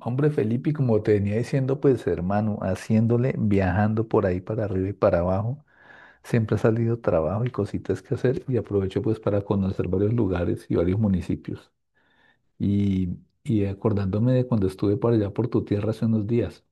Hombre, Felipe, y como te venía diciendo, pues hermano, haciéndole, viajando por ahí para arriba y para abajo, siempre ha salido trabajo y cositas que hacer y aprovecho pues para conocer varios lugares y varios municipios. Y, y acordándome de cuando estuve por allá por tu tierra hace unos días.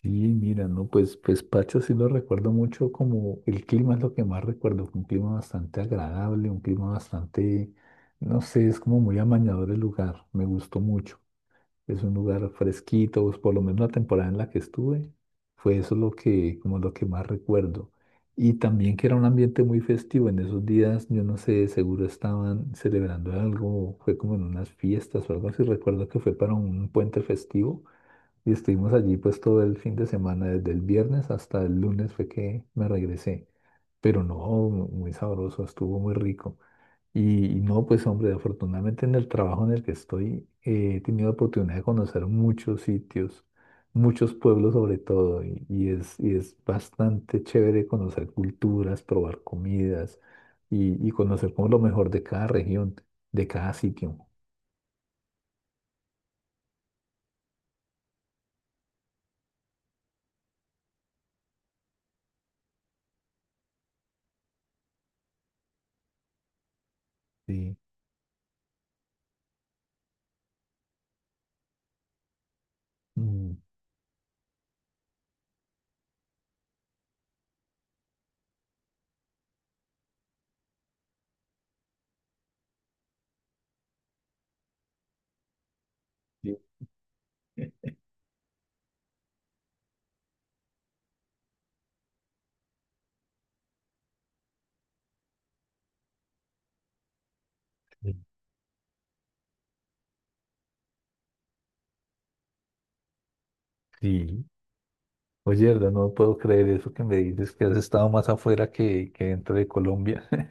Sí, mira, no, pues, pues Pacha sí lo recuerdo mucho, como el clima es lo que más recuerdo, fue un clima bastante agradable, un clima bastante, no sé, es como muy amañador el lugar, me gustó mucho. Es un lugar fresquito, pues por lo menos la temporada en la que estuve, fue eso lo que, como lo que más recuerdo. Y también que era un ambiente muy festivo. En esos días, yo no sé, seguro estaban celebrando algo, fue como en unas fiestas o algo así. Recuerdo que fue para un puente festivo y estuvimos allí pues todo el fin de semana, desde el viernes hasta el lunes fue que me regresé. Pero no, muy sabroso, estuvo muy rico. Y no, pues hombre, afortunadamente en el trabajo en el que estoy, he tenido oportunidad de conocer muchos sitios, muchos pueblos sobre todo, y es bastante chévere conocer culturas, probar comidas y conocer como lo mejor de cada región, de cada sitio. Sí. Mm. Sí. sí. Oye, Erdo, no puedo creer eso que me dices, que has estado más afuera que dentro de Colombia.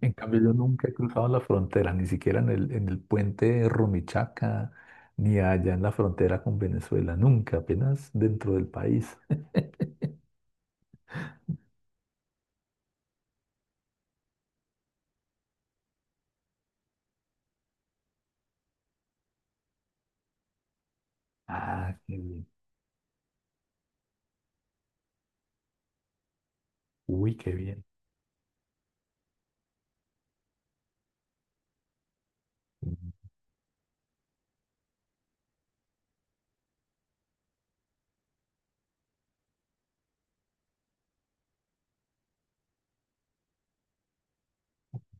En cambio, yo nunca he cruzado la frontera, ni siquiera en en el puente de Rumichaca, ni allá en la frontera con Venezuela, nunca, apenas dentro del país. Ah, qué bien. Uy, qué bien.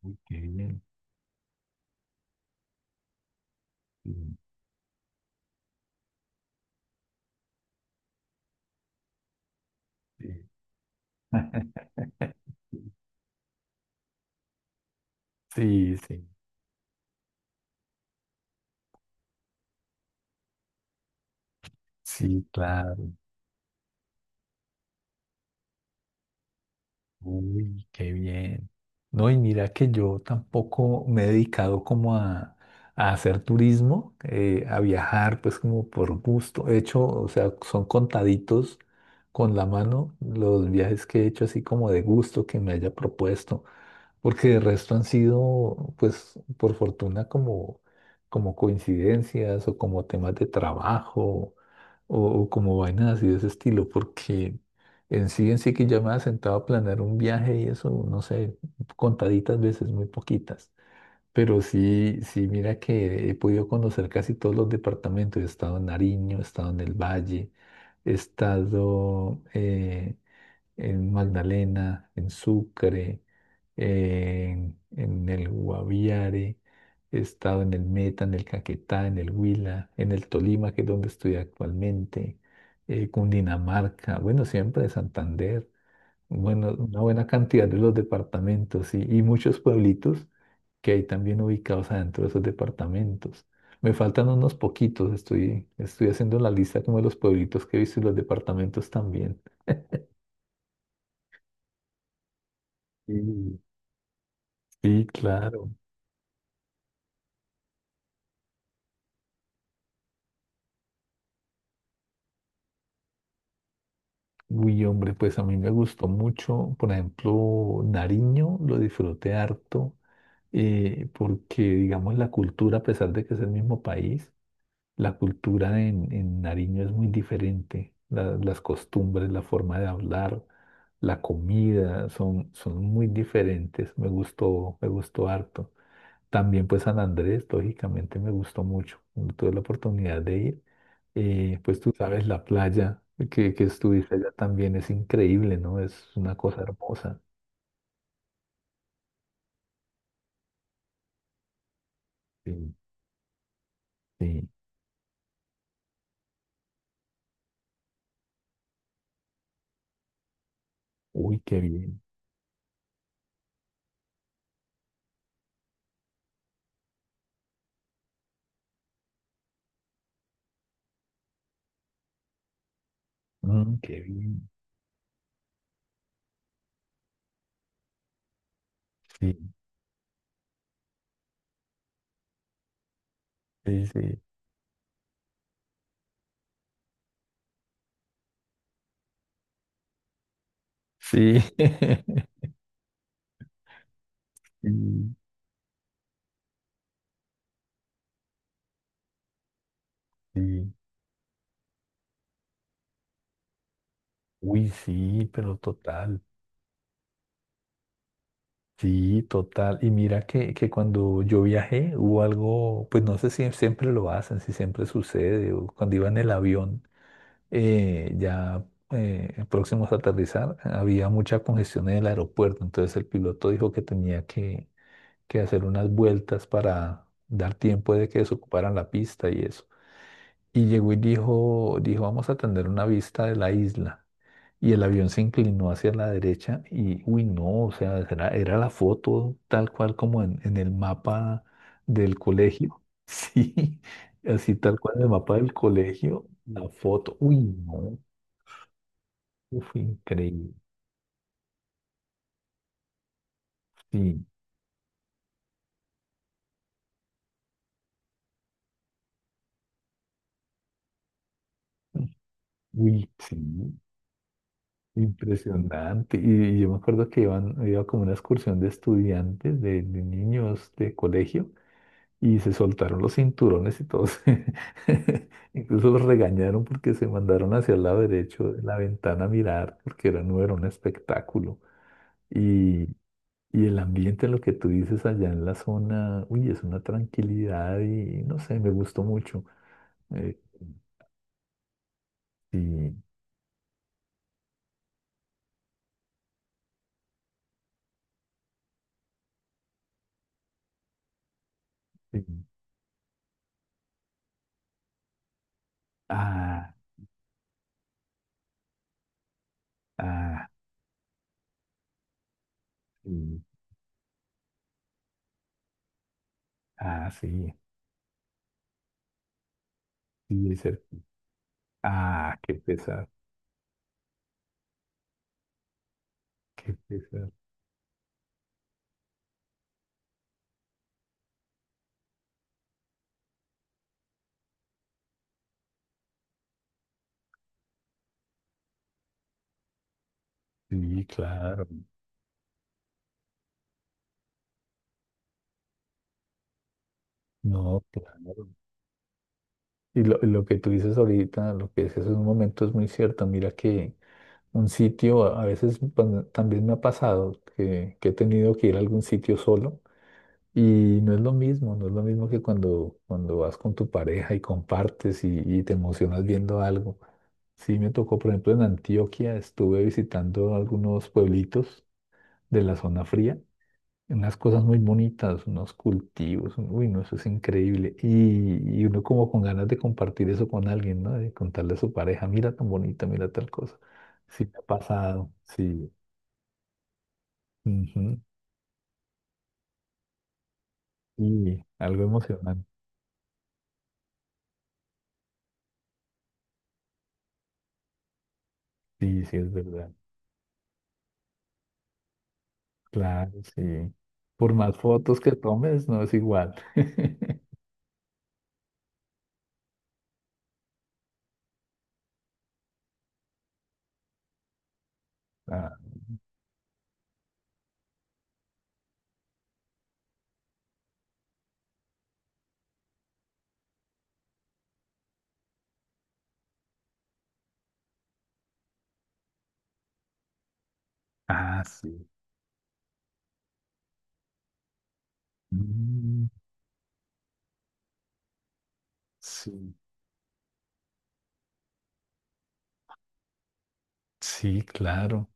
Uy, qué bien. Sí, sí, sí, sí, sí, claro. Uy, qué bien. No, y mira que yo tampoco me he dedicado como a hacer turismo, a viajar, pues como por gusto. He hecho, o sea, son contaditos con la mano los viajes que he hecho así como de gusto que me haya propuesto, porque de resto han sido, pues, por fortuna como, como coincidencias o como temas de trabajo o como vainas así de ese estilo, porque en sí que ya me había sentado a planear un viaje y eso, no sé, contaditas veces, muy poquitas. Pero sí, sí, mira que he podido conocer casi todos los departamentos. He estado en Nariño, he estado en el Valle, he estado en Magdalena, en Sucre, en el Guaviare, he estado en el Meta, en el Caquetá, en el Huila, en el Tolima, que es donde estoy actualmente, Cundinamarca, bueno, siempre de Santander, bueno, una buena cantidad de los departamentos y muchos pueblitos que hay también ubicados adentro de esos departamentos. Me faltan unos poquitos, estoy haciendo la lista como de los pueblitos que he visto y los departamentos también. Sí. Sí, claro. Uy, hombre, pues a mí me gustó mucho, por ejemplo, Nariño, lo disfruté harto, porque digamos la cultura, a pesar de que es el mismo país, la cultura en Nariño es muy diferente. La- las costumbres, la forma de hablar, la comida, son, son muy diferentes. Me gustó harto. También pues San Andrés, lógicamente, me gustó mucho. Tuve la oportunidad de ir. Pues tú sabes, la playa que estuviste allá también es increíble, ¿no? Es una cosa hermosa. Sí, sí. Uy, qué bien. Mm, qué bien. Sí, sí, sí. Sí. Sí, sí. Uy, sí, pero total. Sí, total. Y mira que cuando yo viajé hubo algo, pues no sé si siempre lo hacen, si siempre sucede, o cuando iba en el avión. eh, ya Próximos a aterrizar, había mucha congestión en el aeropuerto, entonces el piloto dijo que tenía que hacer unas vueltas para dar tiempo de que desocuparan la pista y eso. Y llegó y dijo, dijo, vamos a tener una vista de la isla. Y el avión se inclinó hacia la derecha y, uy, no, o sea, era, era la foto tal cual como en el mapa del colegio. Sí, así tal cual en el mapa del colegio, la foto. Uy, no. Uf, increíble. Sí. Uy, sí. Impresionante. Y yo me acuerdo que iban, iba como una excursión de estudiantes, de niños de colegio, y se soltaron los cinturones y todos. Incluso los regañaron porque se mandaron hacia el lado derecho de la ventana a mirar, porque era, no era un espectáculo. Y, y el ambiente, lo que tú dices allá en la zona, uy, es una tranquilidad y no sé, me gustó mucho. Eh, y, y- ah. Ah, sí. Ah, sí. Y dice, ah, qué pesar, qué pesar. Sí, claro. No, claro. Lo que tú dices ahorita, lo que dices en un momento es muy cierto. Mira que un sitio, a veces pan- también me ha pasado que he tenido que ir a algún sitio solo y no es lo mismo, no es lo mismo que cuando, cuando vas con tu pareja y compartes y te emocionas viendo algo. Sí, me tocó, por ejemplo, en Antioquia, estuve visitando algunos pueblitos de la zona fría. Unas cosas muy bonitas, unos cultivos, un- uy, no, eso es increíble. Y uno como con ganas de compartir eso con alguien, ¿no? De contarle a su pareja, mira tan bonita, mira tal cosa. Sí, me ha pasado, sí. Ujú. Y algo emocionante, sí, sí, es verdad. Claro, sí. Por más fotos que tomes, no es igual. Ah, ah, sí. Mm, sí, sí, claro.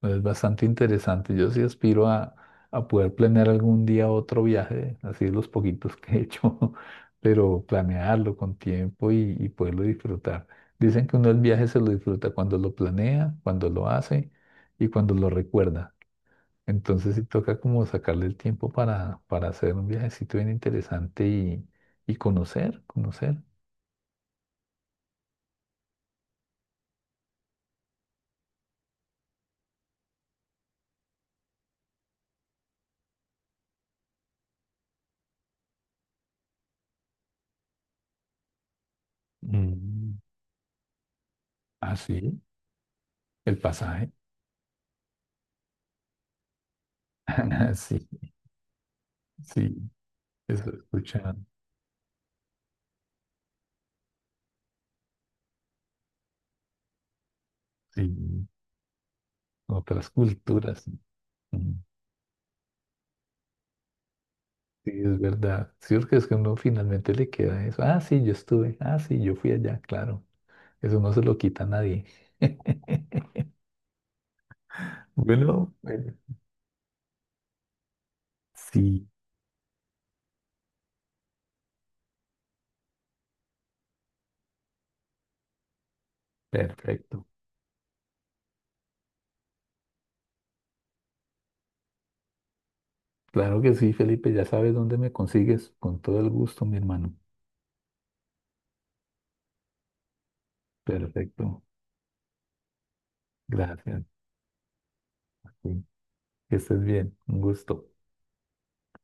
Pues, es bastante interesante. Yo sí aspiro a poder planear algún día otro viaje, así los poquitos que he hecho, pero planearlo con tiempo y poderlo disfrutar. Dicen que uno el viaje se lo disfruta cuando lo planea, cuando lo hace y cuando lo recuerda. Entonces sí toca como sacarle el tiempo para hacer un viajecito bien interesante y conocer, conocer. Mm. Ah, sí, el pasaje. Sí, sí, eso escuchan. Sí. Otras culturas. Mm. Sí, es verdad. Sí, porque es que uno finalmente le queda eso. Ah, sí, yo estuve. Ah, sí, yo fui allá, claro. Eso no se lo quita a nadie. Bueno, sí, perfecto. Claro que sí, Felipe, ya sabes dónde me consigues. Con todo el gusto, mi hermano. Perfecto. Gracias. Sí, que estés bien. Un gusto.